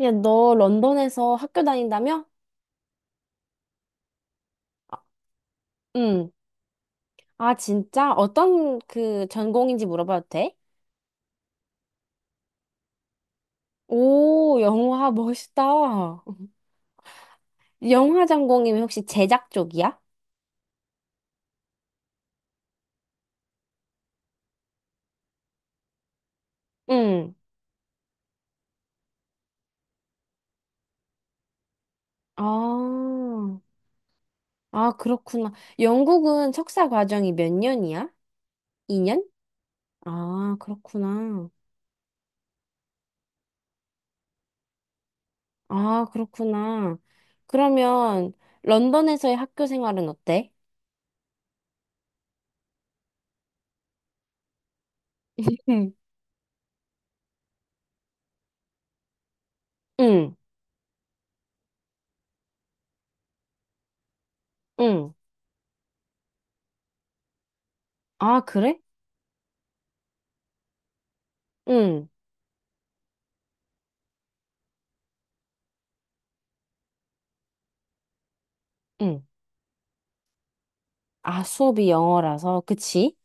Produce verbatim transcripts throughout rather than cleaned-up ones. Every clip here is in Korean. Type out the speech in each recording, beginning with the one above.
야, 너 런던에서 학교 다닌다며? 응. 아, 진짜? 어떤 그 전공인지 물어봐도 돼? 오, 영화 멋있다. 영화 전공이면 혹시 제작 쪽이야? 응. 아, 아, 그렇구나. 영국은 석사 과정이 몇 년이야? 이 년? 아, 그렇구나. 아, 그렇구나. 그러면 런던에서의 학교 생활은 어때? 응. 응. 응. 아, 그래? 응. 응. 아, 수업이 영어라서, 그치?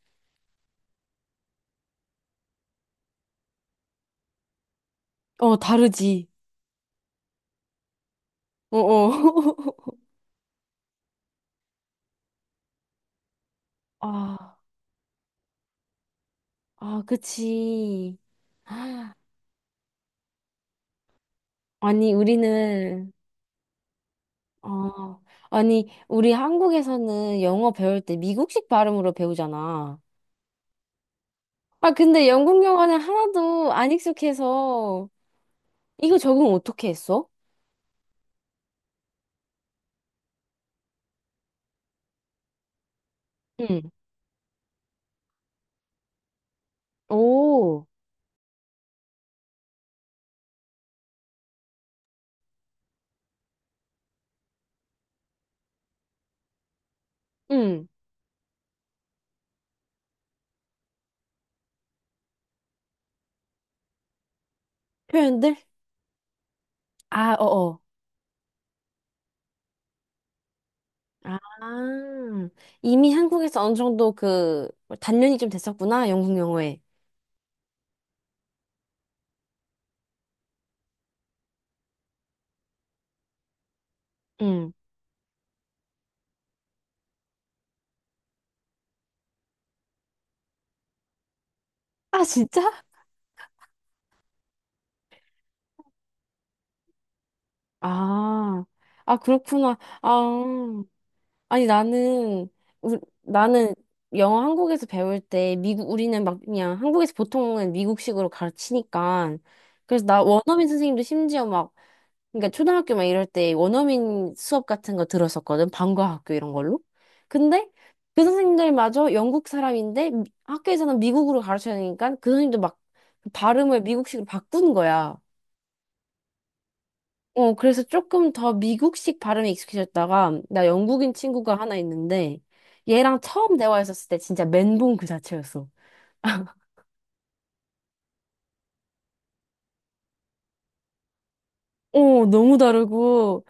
어, 다르지. 어어. 아, 아, 그치. 아니, 우리는, 어, 아니, 우리 한국에서는 영어 배울 때 미국식 발음으로 배우잖아. 아, 근데 영국 영어는 하나도 안 익숙해서, 이거 적응 어떻게 했어? 응. 오, 응. 표현들? 아, 어어. 아, 이미 한국에서 어느 정도 그, 단련이 좀 됐었구나, 영국 영어에. 응. 아, 진짜? 아, 아, 그렇구나. 아, 음. 아니, 나는, 우, 나는 영어 한국에서 배울 때, 미국, 우리는 막 그냥 한국에서 보통은 미국식으로 가르치니까. 그래서 나 원어민 선생님도 심지어 막, 그러니까 초등학교 막 이럴 때 원어민 수업 같은 거 들었었거든. 방과학교 이런 걸로. 근데 그 선생님들마저 영국 사람인데 미- 학교에서는 미국으로 가르쳐야 되니까 그 선생님도 막 그 발음을 미국식으로 바꾼 거야. 어, 그래서 조금 더 미국식 발음에 익숙해졌다가, 나 영국인 친구가 하나 있는데, 얘랑 처음 대화했었을 때 진짜 멘붕 그 자체였어. 어, 너무 다르고,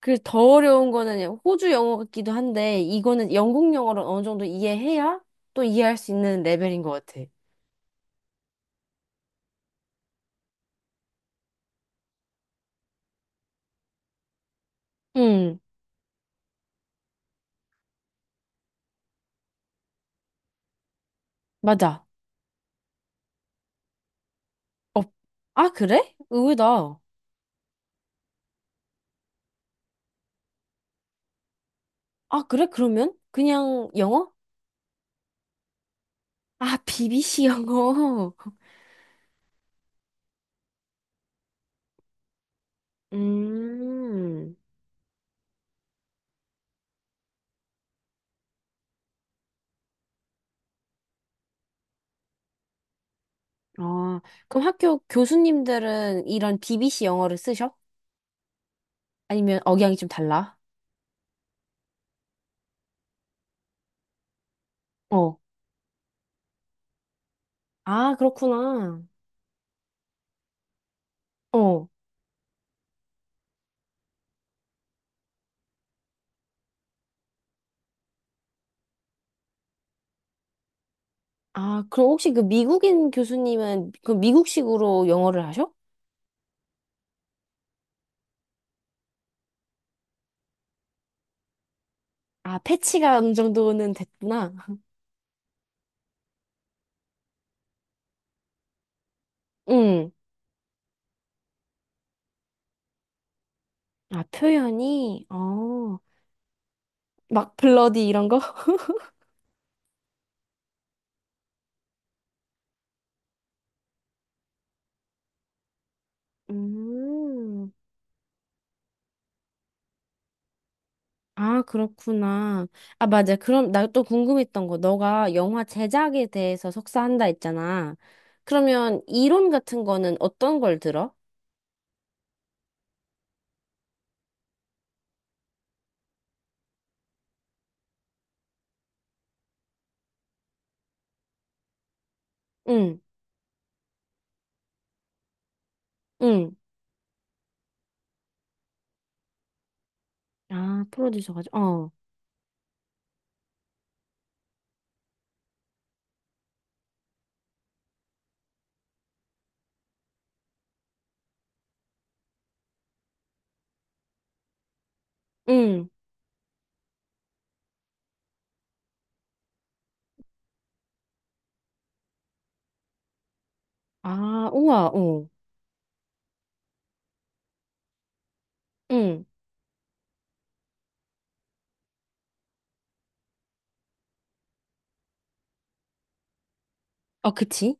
그 더 어려운 거는 호주 영어 같기도 한데, 이거는 영국 영어를 어느 정도 이해해야 또 이해할 수 있는 레벨인 것 같아. 응, 맞아. 어, 아, 그래? 의외다. 아, 그래? 그러면? 그냥 영어? 아, 비비씨 영어. 음. 아, 그럼 학교 교수님들은 이런 비비씨 영어를 쓰셔? 아니면 억양이 좀 달라? 어. 아, 그렇구나. 어. 아, 그럼 혹시 그 미국인 교수님은 그 미국식으로 영어를 하셔? 아, 패치가 어느 정도는 됐구나. 응. 아, 표현이? 어. 막 블러디 이런 거? 음. 아, 그렇구나. 아, 맞아. 그럼 나 또 궁금했던 거. 너가 영화 제작에 대해서 석사한다 했잖아. 그러면 이론 같은 거는 어떤 걸 들어? 응, 응. 아, 프로듀서 가지고. 어, 응. 아, 우와, 어. 응. 아, 그치?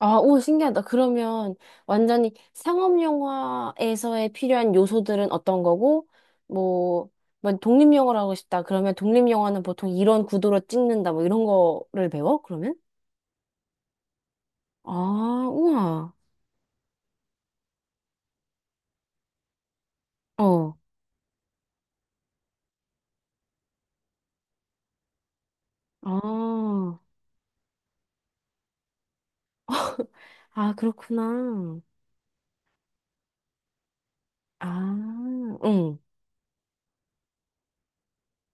아, 오, 신기하다. 그러면 완전히 상업 영화에서의 필요한 요소들은 어떤 거고, 뭐, 뭐 독립 영화를 하고 싶다. 그러면 독립 영화는 보통 이런 구도로 찍는다. 뭐 이런 거를 배워? 그러면? 아, 우와. 어. 아. 아, 그렇구나. 아, 응.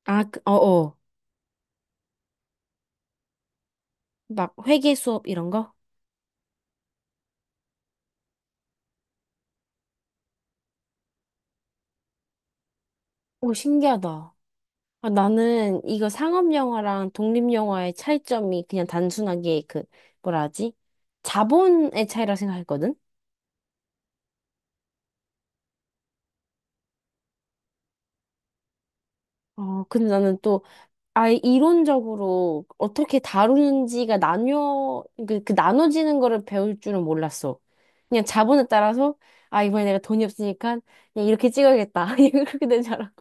아, 그- 어, 어. 막 회계 수업 이런 거? 오, 신기하다. 아, 나는 이거 상업 영화랑 독립 영화의 차이점이 그냥 단순하게 그 뭐라 하지? 자본의 차이라 생각했거든. 어, 근데 나는 또 아예 이론적으로 어떻게 다루는지가 나뉘어, 그, 그 나눠지는 거를 배울 줄은 몰랐어. 그냥 자본에 따라서, 아, 이번에 내가 돈이 없으니까 그냥 이렇게 찍어야겠다. 이렇게 된 줄 알았고.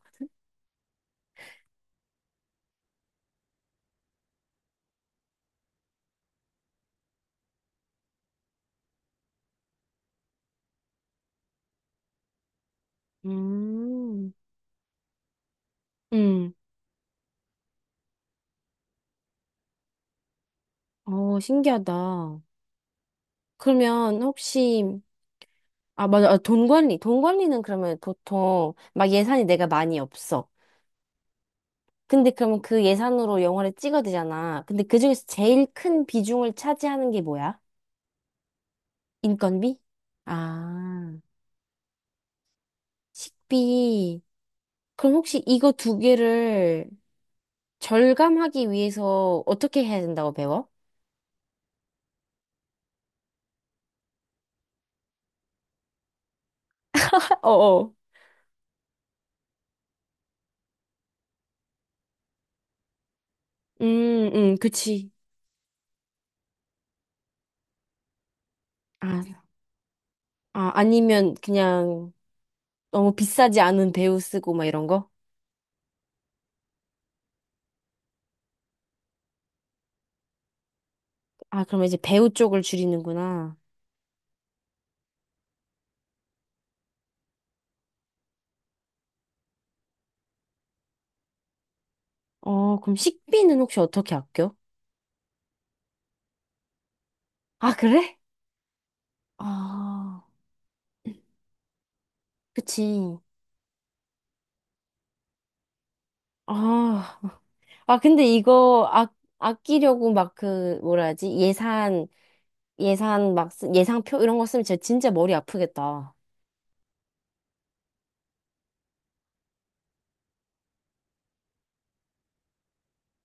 음, 음, 어, 신기하다. 그러면 혹시, 아, 맞아. 아, 돈 관리. 돈 관리는 그러면 보통 막 예산이 내가 많이 없어. 근데 그러면 그 예산으로 영화를 찍어야 되잖아. 근데 그중에서 제일 큰 비중을 차지하는 게 뭐야? 인건비? 아, 식비. 그럼 혹시 이거 두 개를 절감하기 위해서 어떻게 해야 된다고 배워? 어어. 음, 음, 그치. 아, 아, 아니면 그냥 너무 비싸지 않은 배우 쓰고 막 이런 거? 아, 그러면 이제 배우 쪽을 줄이는구나. 어, 그럼 식비는 혹시 어떻게 아껴? 아, 그래? 아, 그치. 아, 아, 근데 이거 아, 아끼려고 막 그, 뭐라 하지? 예산 예산 막, 쓰- 예상표 이런 거 쓰면 진짜, 진짜 머리 아프겠다.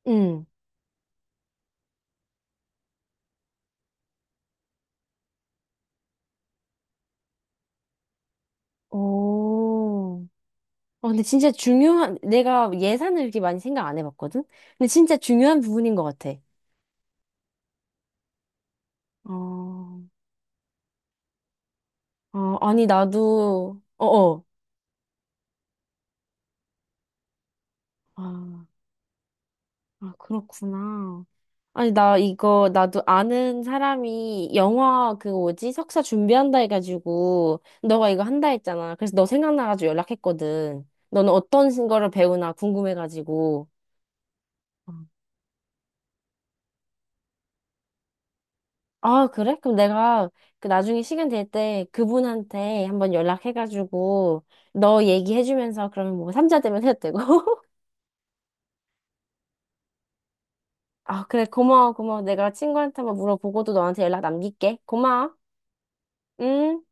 응. 오, 어, 근데 진짜 중요한, 내가 예산을 이렇게 많이 생각 안 해봤거든? 근데 진짜 중요한 부분인 것 같아. 아, 어, 아니, 나도, 어어. 아, 아, 그렇구나. 아니, 나 이거, 나도 아는 사람이 영화 그 뭐지? 석사 준비한다 해가지고, 너가 이거 한다 했잖아. 그래서 너 생각나가지고 연락했거든. 너는 어떤 거를 배우나 궁금해가지고. 아, 그래? 그럼 내가 그 나중에 시간 될 때 그분한테 한번 연락해가지고 너 얘기해주면서 그러면 뭐 삼자 되면 해도 되고. 아, 그래. 고마워, 고마워. 내가 친구한테 한번 물어보고도 너한테 연락 남길게. 고마워. 응?